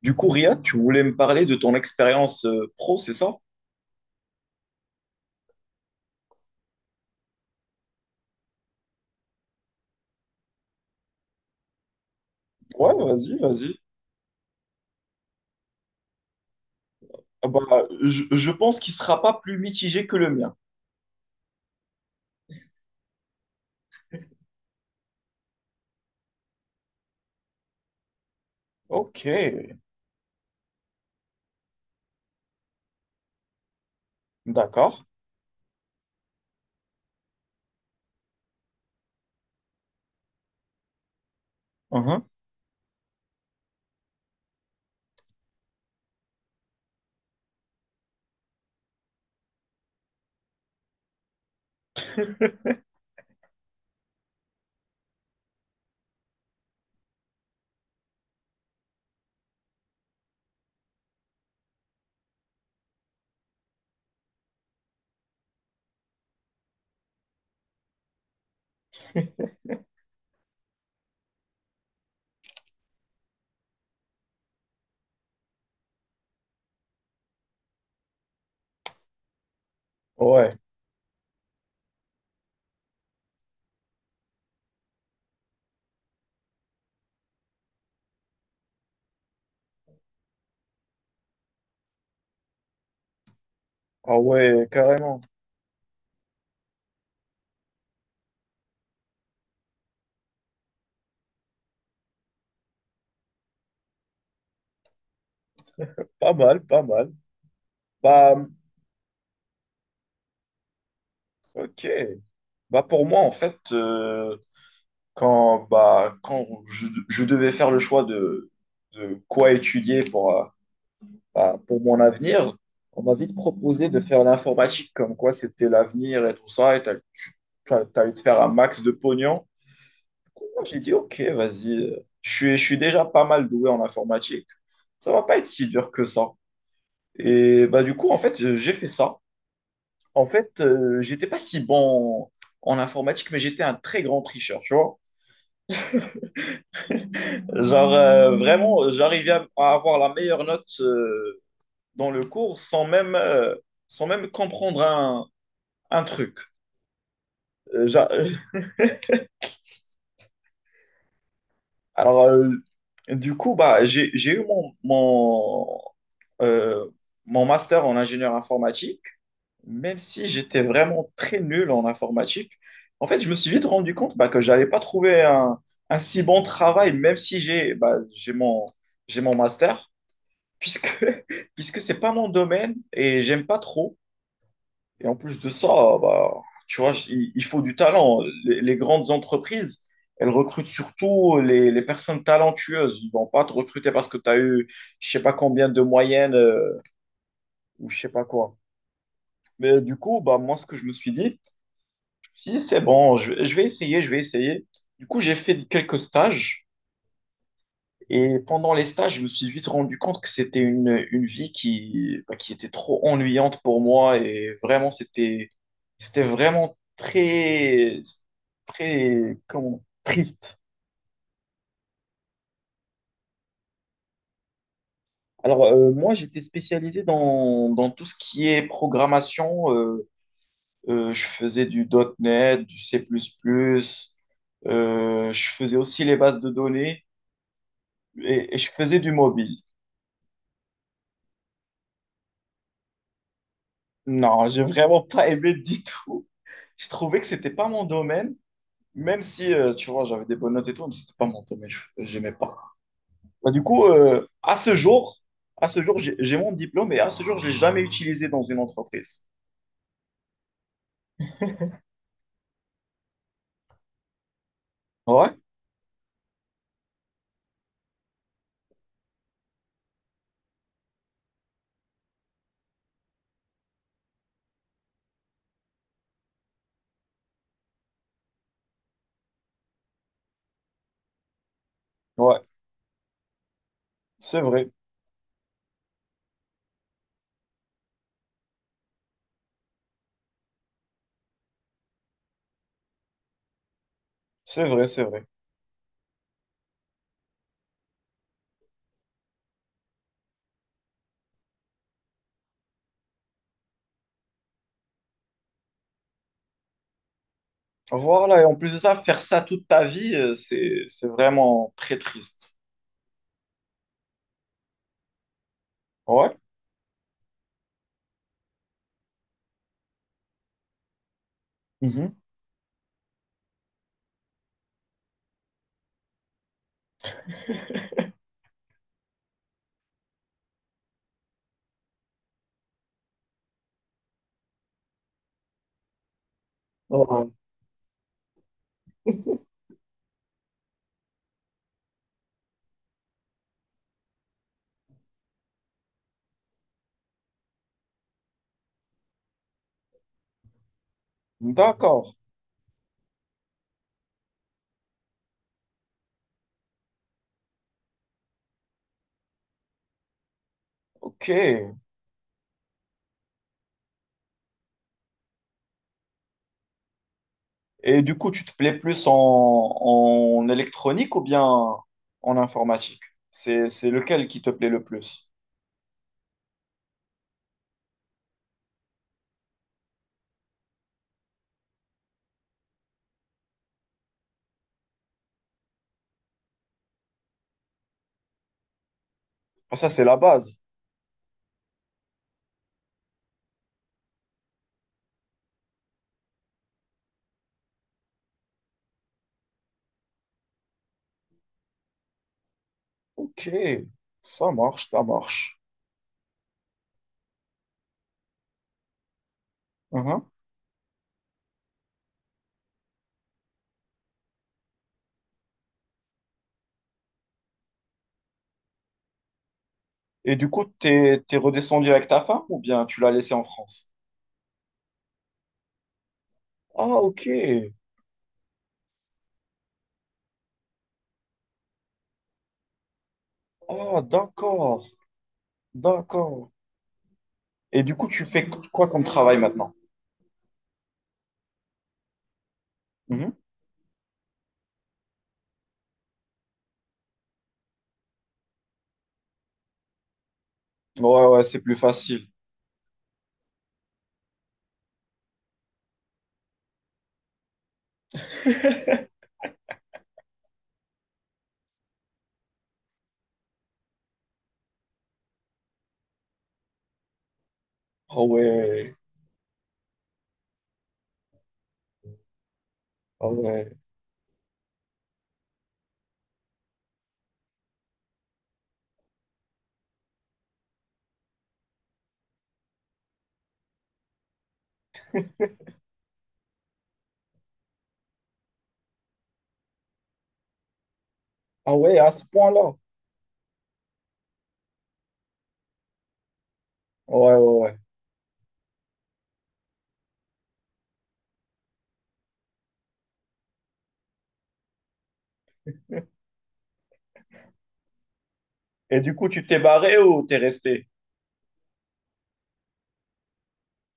Du coup, Riyad, tu voulais me parler de ton expérience pro, c'est ça? Ouais, vas-y, vas-y. Ah bah, je pense qu'il sera pas plus mitigé que le mien. Ok, d'accord. Mhm. Ouais, ah ouais, carrément. Pas mal, pas mal. Bah, ok. Bah, pour moi, en fait, quand, bah, quand je devais faire le choix de quoi étudier pour, bah, pour mon avenir, on m'a vite proposé de faire l'informatique, comme quoi c'était l'avenir et tout ça, et t'allais te faire un max de pognon. Du coup, moi, j'ai dit, ok, vas-y, je suis déjà pas mal doué en informatique. Ça va pas être si dur que ça. Et bah, du coup, en fait, j'ai fait ça. En fait, j'étais pas si bon en informatique, mais j'étais un très grand tricheur, tu vois. Genre, vraiment, j'arrivais à avoir la meilleure note dans le cours sans même, sans même comprendre un truc. Euh, j'a- Alors, du coup, bah, j'ai eu euh, mon master en ingénieur informatique, même si j'étais vraiment très nul en informatique. En fait, je me suis vite rendu compte bah, que je n'avais pas trouvé un si bon travail, même si j'ai bah, j'ai mon master, puisque, puisque ce n'est pas mon domaine et j'aime pas trop. Et en plus de ça, bah, tu vois, il faut du talent. Les grandes entreprises, elles recrutent surtout les personnes talentueuses. Ils vont pas te recruter parce que tu as eu je sais pas combien de moyenne ou je sais pas quoi. Mais du coup, bah, moi, ce que je me suis dit, je me suis dit, c'est bon, je vais essayer, je vais essayer. Du coup, j'ai fait quelques stages. Et pendant les stages, je me suis vite rendu compte que c'était une vie qui, bah, qui était trop ennuyante pour moi et vraiment, c'était, c'était vraiment très, très, comment, triste. Alors, moi, j'étais spécialisé dans, dans tout ce qui est programmation. Je faisais du .NET, du C++, je faisais aussi les bases de données et je faisais du mobile. Non, j'ai vraiment pas aimé du tout. Je trouvais que c'était pas mon domaine. Même si, tu vois, j'avais des bonnes notes et tout, mais c'était pas mon domaine, j'aimais pas. Bah, du coup, à ce jour, j'ai mon diplôme et à ce jour, je l'ai jamais utilisé dans une entreprise. Ouais, ouais, c'est vrai, c'est vrai, c'est vrai. Voilà, et en plus de ça, faire ça toute ta vie, c'est vraiment très triste. Ouais. Mhm. Ouais. D'accord, ok. Et du coup, tu te plais plus en, en électronique ou bien en informatique? C'est lequel qui te plaît le plus? Ah, ça, c'est la base. Ok, ça marche, ça marche. Mhm. Et du coup, t'es redescendu avec ta femme ou bien tu l'as laissée en France? Ah, ok. Ah, d'accord, d'accord. Et du coup, tu fais quoi comme travail maintenant? Mhm. Ouais, ouais, c'est plus facile. Ah ouais, ah ouais. Ah ouais, à ce point-là. Ouais, ouais, ouais. Et du coup, tu t'es barré ou t'es resté?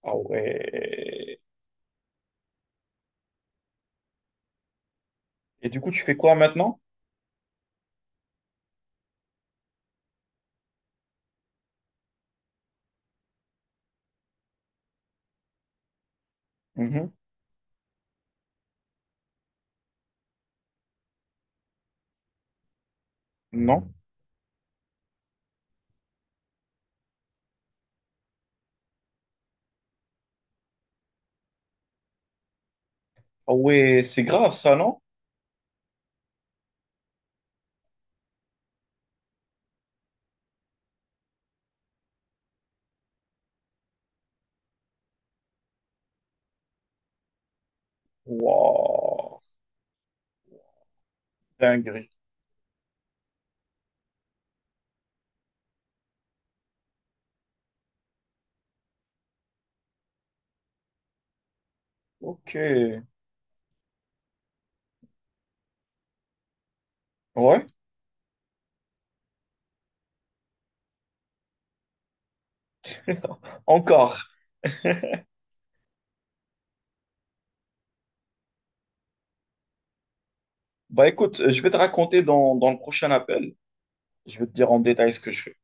Ah ouais. Et du coup, tu fais quoi maintenant? Mhm. Non? Ah ouais, c'est grave ça, non? Waouh, dingue. Ok. Ouais. Encore. Bah écoute, je vais te raconter dans, dans le prochain appel. Je vais te dire en détail ce que je fais.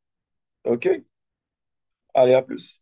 Ok? Allez, à plus.